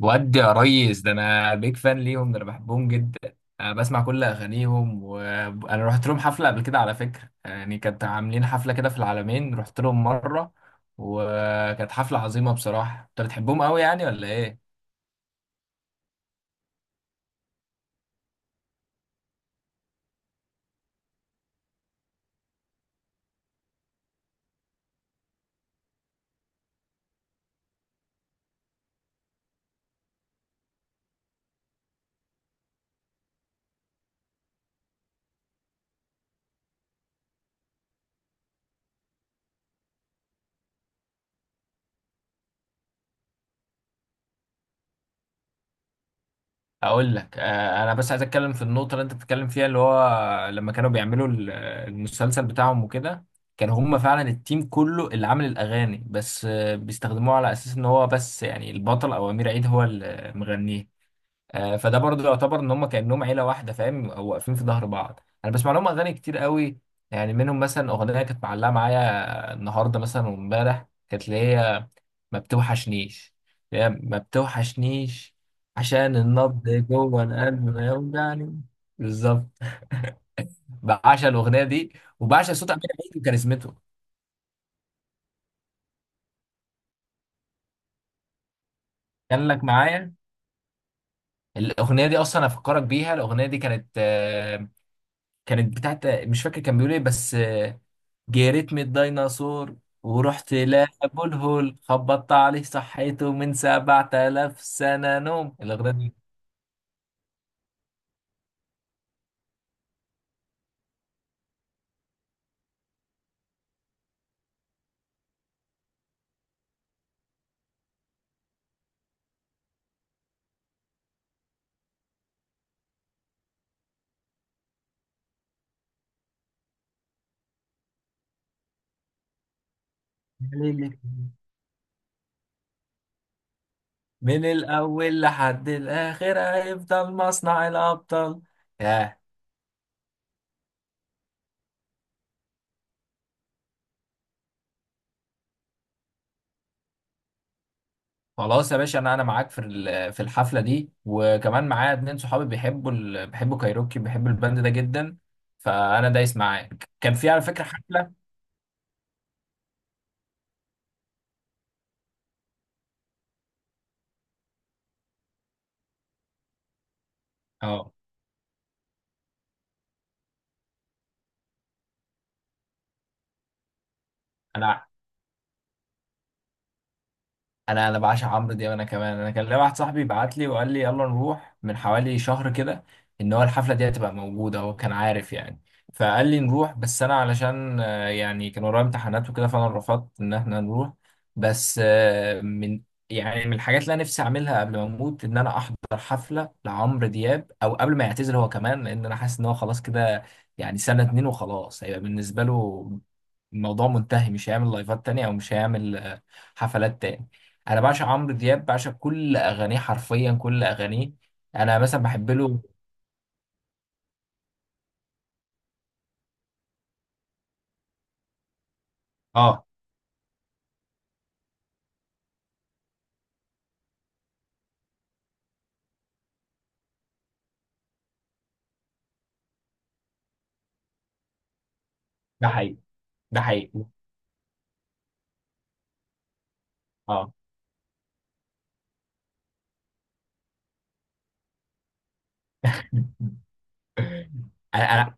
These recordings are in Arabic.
ودي يا ريس، ده انا بيك فان ليهم، ده انا بحبهم جدا. أنا بسمع كل اغانيهم، وانا رحت لهم حفله قبل كده على فكره. يعني كانت عاملين حفله كده في العالمين، رحت لهم مره. وكانت حفله عظيمه بصراحه. انت بتحبهم قوي يعني ولا ايه؟ اقول لك، انا بس عايز اتكلم في النقطه اللي انت بتتكلم فيها، اللي هو لما كانوا بيعملوا المسلسل بتاعهم وكده. كانوا هم فعلا التيم كله اللي عامل الاغاني، بس بيستخدموه على اساس ان هو بس يعني البطل او امير عيد هو اللي مغنيه. فده برضه يعتبر ان هم كانهم عيله واحده، فاهم، او واقفين في ظهر بعض. انا بسمع لهم اغاني كتير قوي. يعني منهم مثلا اغنيه كانت معلقه معايا النهارده مثلا وامبارح، كانت اللي هي ما بتوحشنيش، اللي هي ما بتوحشنيش، عشان النبض جوه القلب ما يوجعني. بالظبط. بعشق الاغنيه دي. وبعشق صوت امير عيد وكاريزمته. كان لك معايا، الاغنيه دي اصلا افكرك بيها. الاغنيه دي كانت، كانت بتاعت، مش فاكر كان بيقول ايه، بس جريت من الديناصور ورحت لأبو الهول، خبطت عليه صحيته من 7000 سنة نوم. الأغنية دي من الأول لحد الآخر هيفضل مصنع الأبطال. ياه. خلاص يا باشا، أنا معاك في الحفلة دي، وكمان معايا اتنين صحابي بيحبوا بيحبوا كايروكي، بيحبوا الباند ده جدا. فأنا دايس معاك كان في على فكرة حفلة. اه. أنا انا انا بعشق عمرو دياب، انا كمان. انا كان ليا واحد صاحبي بعت لي وقال لي يلا نروح من حوالي شهر كده، ان هو الحفله دي هتبقى موجوده، هو كان عارف يعني. فقال لي نروح، بس انا علشان يعني كان ورايا امتحانات وكده، فانا رفضت ان احنا نروح. بس من الحاجات اللي انا نفسي اعملها قبل ما اموت ان انا احضر حفله لعمرو دياب، او قبل ما يعتزل هو كمان، لان انا حاسس ان هو خلاص كده. يعني سنه اتنين وخلاص هيبقى بالنسبه له الموضوع منتهي، مش هيعمل لايفات تانية، او مش هيعمل حفلات تاني. انا بعشق عمرو دياب، بعشق كل اغانيه، حرفيا كل اغانيه. انا مثلا بحب له. اه. ده حقيقي. ده حقيقي. اه. انا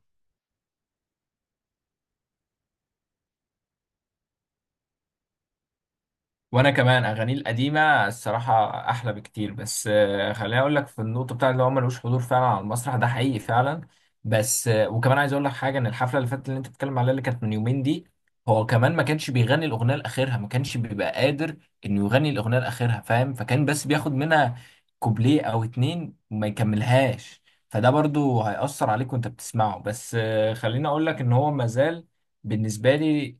وانا كمان اغانيه القديمه الصراحه احلى بكتير. بس خليني اقول لك في النقطه بتاعت اللي هو ملوش حضور فعلا على المسرح، ده حقيقي فعلا. بس وكمان عايز اقول لك حاجه، ان الحفله اللي فاتت اللي انت بتتكلم عليها اللي كانت من يومين دي، هو كمان ما كانش بيغني الاغنيه لاخرها، ما كانش بيبقى قادر انه يغني الاغنيه لاخرها، فاهم. فكان بس بياخد منها كوبليه او اتنين وما يكملهاش. فده برضو هيأثر عليك وانت بتسمعه. بس خليني اقول لك ان هو مازال بالنسبه لي،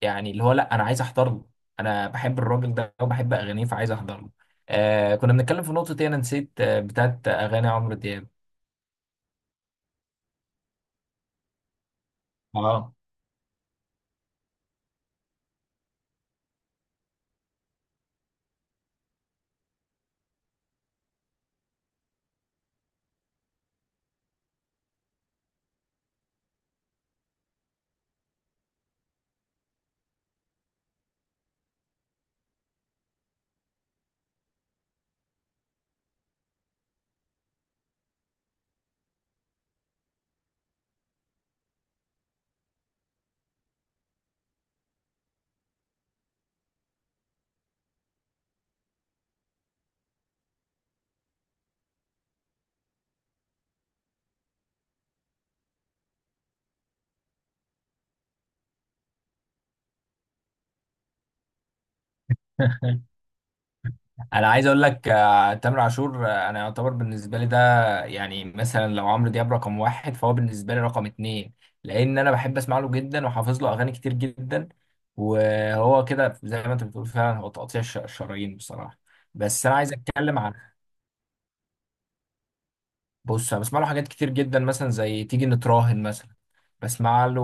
يعني اللي هو لا، انا عايز احضر له. انا بحب الراجل ده وبحب اغانيه فعايز احضر له. آه كنا بنتكلم في نقطه ايه، انا نسيت، آه بتاعت اغاني عمرو دياب. اه. انا عايز اقول لك، تامر عاشور، انا يعتبر بالنسبه لي ده، يعني مثلا لو عمرو دياب رقم واحد فهو بالنسبه لي رقم اتنين، لان انا بحب اسمع له جدا وحافظ له اغاني كتير جدا. وهو كده زي ما انت بتقول فعلا، هو تقطيع الشرايين بصراحه. بس انا عايز اتكلم عن، بص انا بسمع له حاجات كتير جدا، مثلا زي تيجي نتراهن مثلا. بسمع له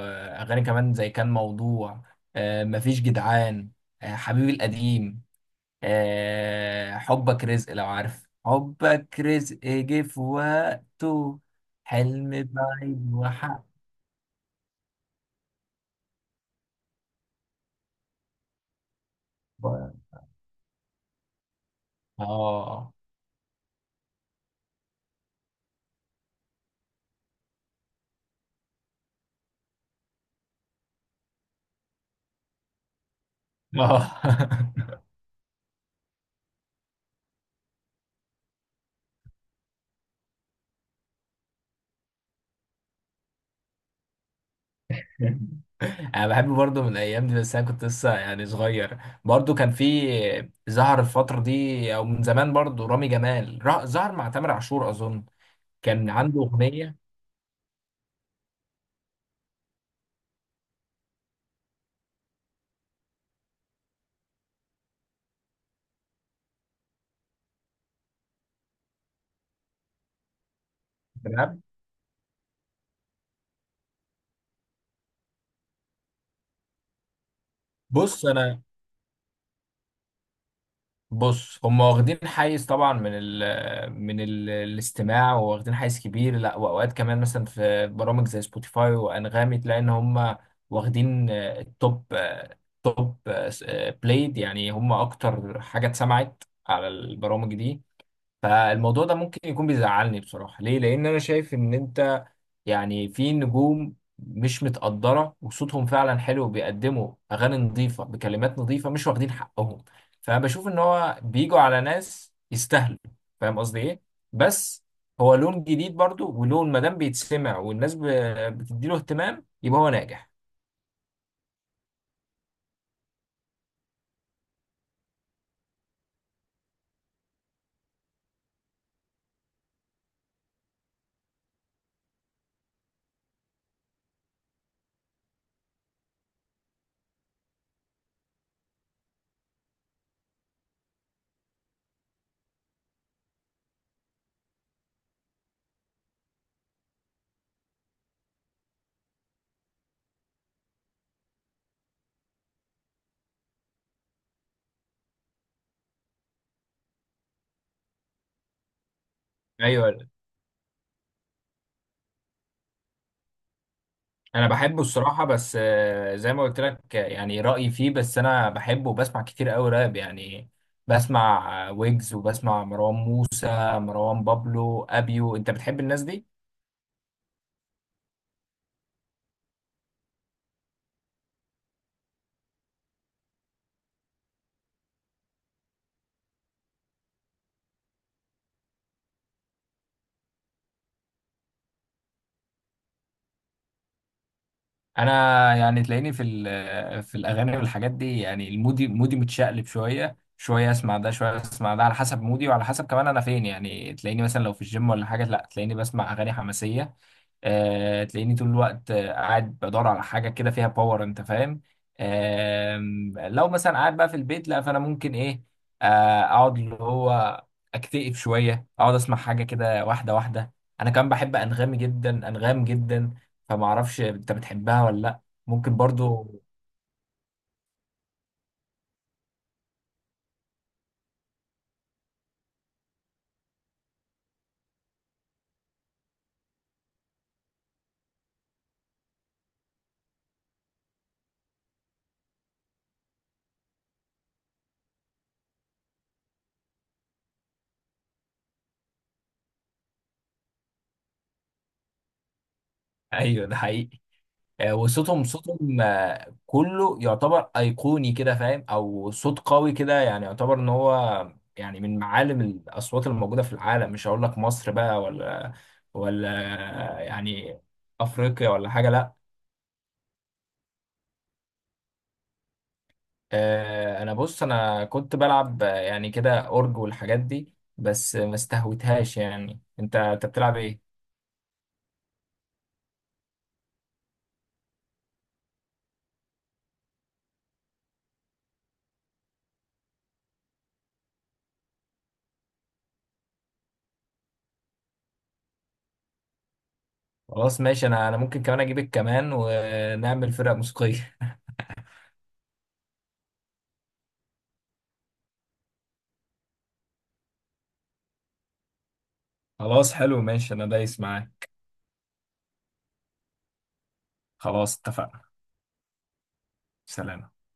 اغاني كمان زي كان موضوع، مفيش جدعان، حبيبي القديم، حبك رزق، لو عارف حبك رزق جه في وقته، حلم بعيد، وحق. اه. اه. انا بحب برضه من الايام دي، بس انا كنت لسه يعني صغير. برضه كان في ظهر الفتره دي، او من زمان برضه رامي جمال ظهر مع تامر عاشور اظن، كان عنده اغنيه. راب. بص انا بص هم واخدين حيز طبعا من ال الاستماع، واخدين حيز كبير. لا، واوقات كمان مثلا في برامج زي سبوتيفاي وانغامي تلاقي ان هم واخدين التوب، آه، توب آه، س- آه، بلايد، يعني هم اكتر حاجه اتسمعت على البرامج دي. فالموضوع ده ممكن يكون بيزعلني بصراحة، ليه؟ لأن أنا شايف إن أنت، يعني في نجوم مش متقدرة وصوتهم فعلا حلو، بيقدموا أغاني نظيفة بكلمات نظيفة، مش واخدين حقهم. فبشوف إن هو بيجوا على ناس يستاهلوا. فاهم قصدي إيه؟ بس هو لون جديد برضو، ولون مادام بيتسمع والناس بتديله اهتمام يبقى هو ناجح. ايوه. انا بحبه الصراحه، بس زي ما قلت لك، يعني رايي فيه، بس انا بحبه وبسمع كتير قوي راب يعني. بسمع ويجز، وبسمع مروان موسى، مروان بابلو، ابيو. انت بتحب الناس دي؟ انا يعني تلاقيني في الاغاني والحاجات دي، يعني المودي متشقلب شويه شويه، اسمع ده شويه اسمع ده على حسب مودي، وعلى حسب كمان انا فين. يعني تلاقيني مثلا لو في الجيم ولا حاجه، لا تلاقيني بسمع اغاني حماسيه. تلاقيني طول الوقت، قاعد بدور على حاجه كده فيها باور، انت فاهم. لو مثلا قاعد بقى في البيت، لا فانا ممكن ايه، اقعد اللي هو اكتئب شويه، اقعد اسمع حاجه كده واحده واحده. انا كمان بحب انغامي جدا، انغام جدا. فما اعرفش انت بتحبها ولا لا؟ ممكن برضو. ايوه ده حقيقي. وصوتهم، كله يعتبر ايقوني كده فاهم، او صوت قوي كده، يعني يعتبر ان هو يعني من معالم الاصوات الموجوده في العالم، مش هقول لك مصر بقى، ولا يعني افريقيا ولا حاجه، لا. انا بص انا كنت بلعب يعني كده اورج والحاجات دي بس ما استهوتهاش. يعني انت بتلعب ايه؟ خلاص ماشي. انا ممكن كمان اجيبك كمان، ونعمل فرقه موسيقيه. خلاص حلو ماشي، انا دايس معاك. خلاص اتفقنا. سلام.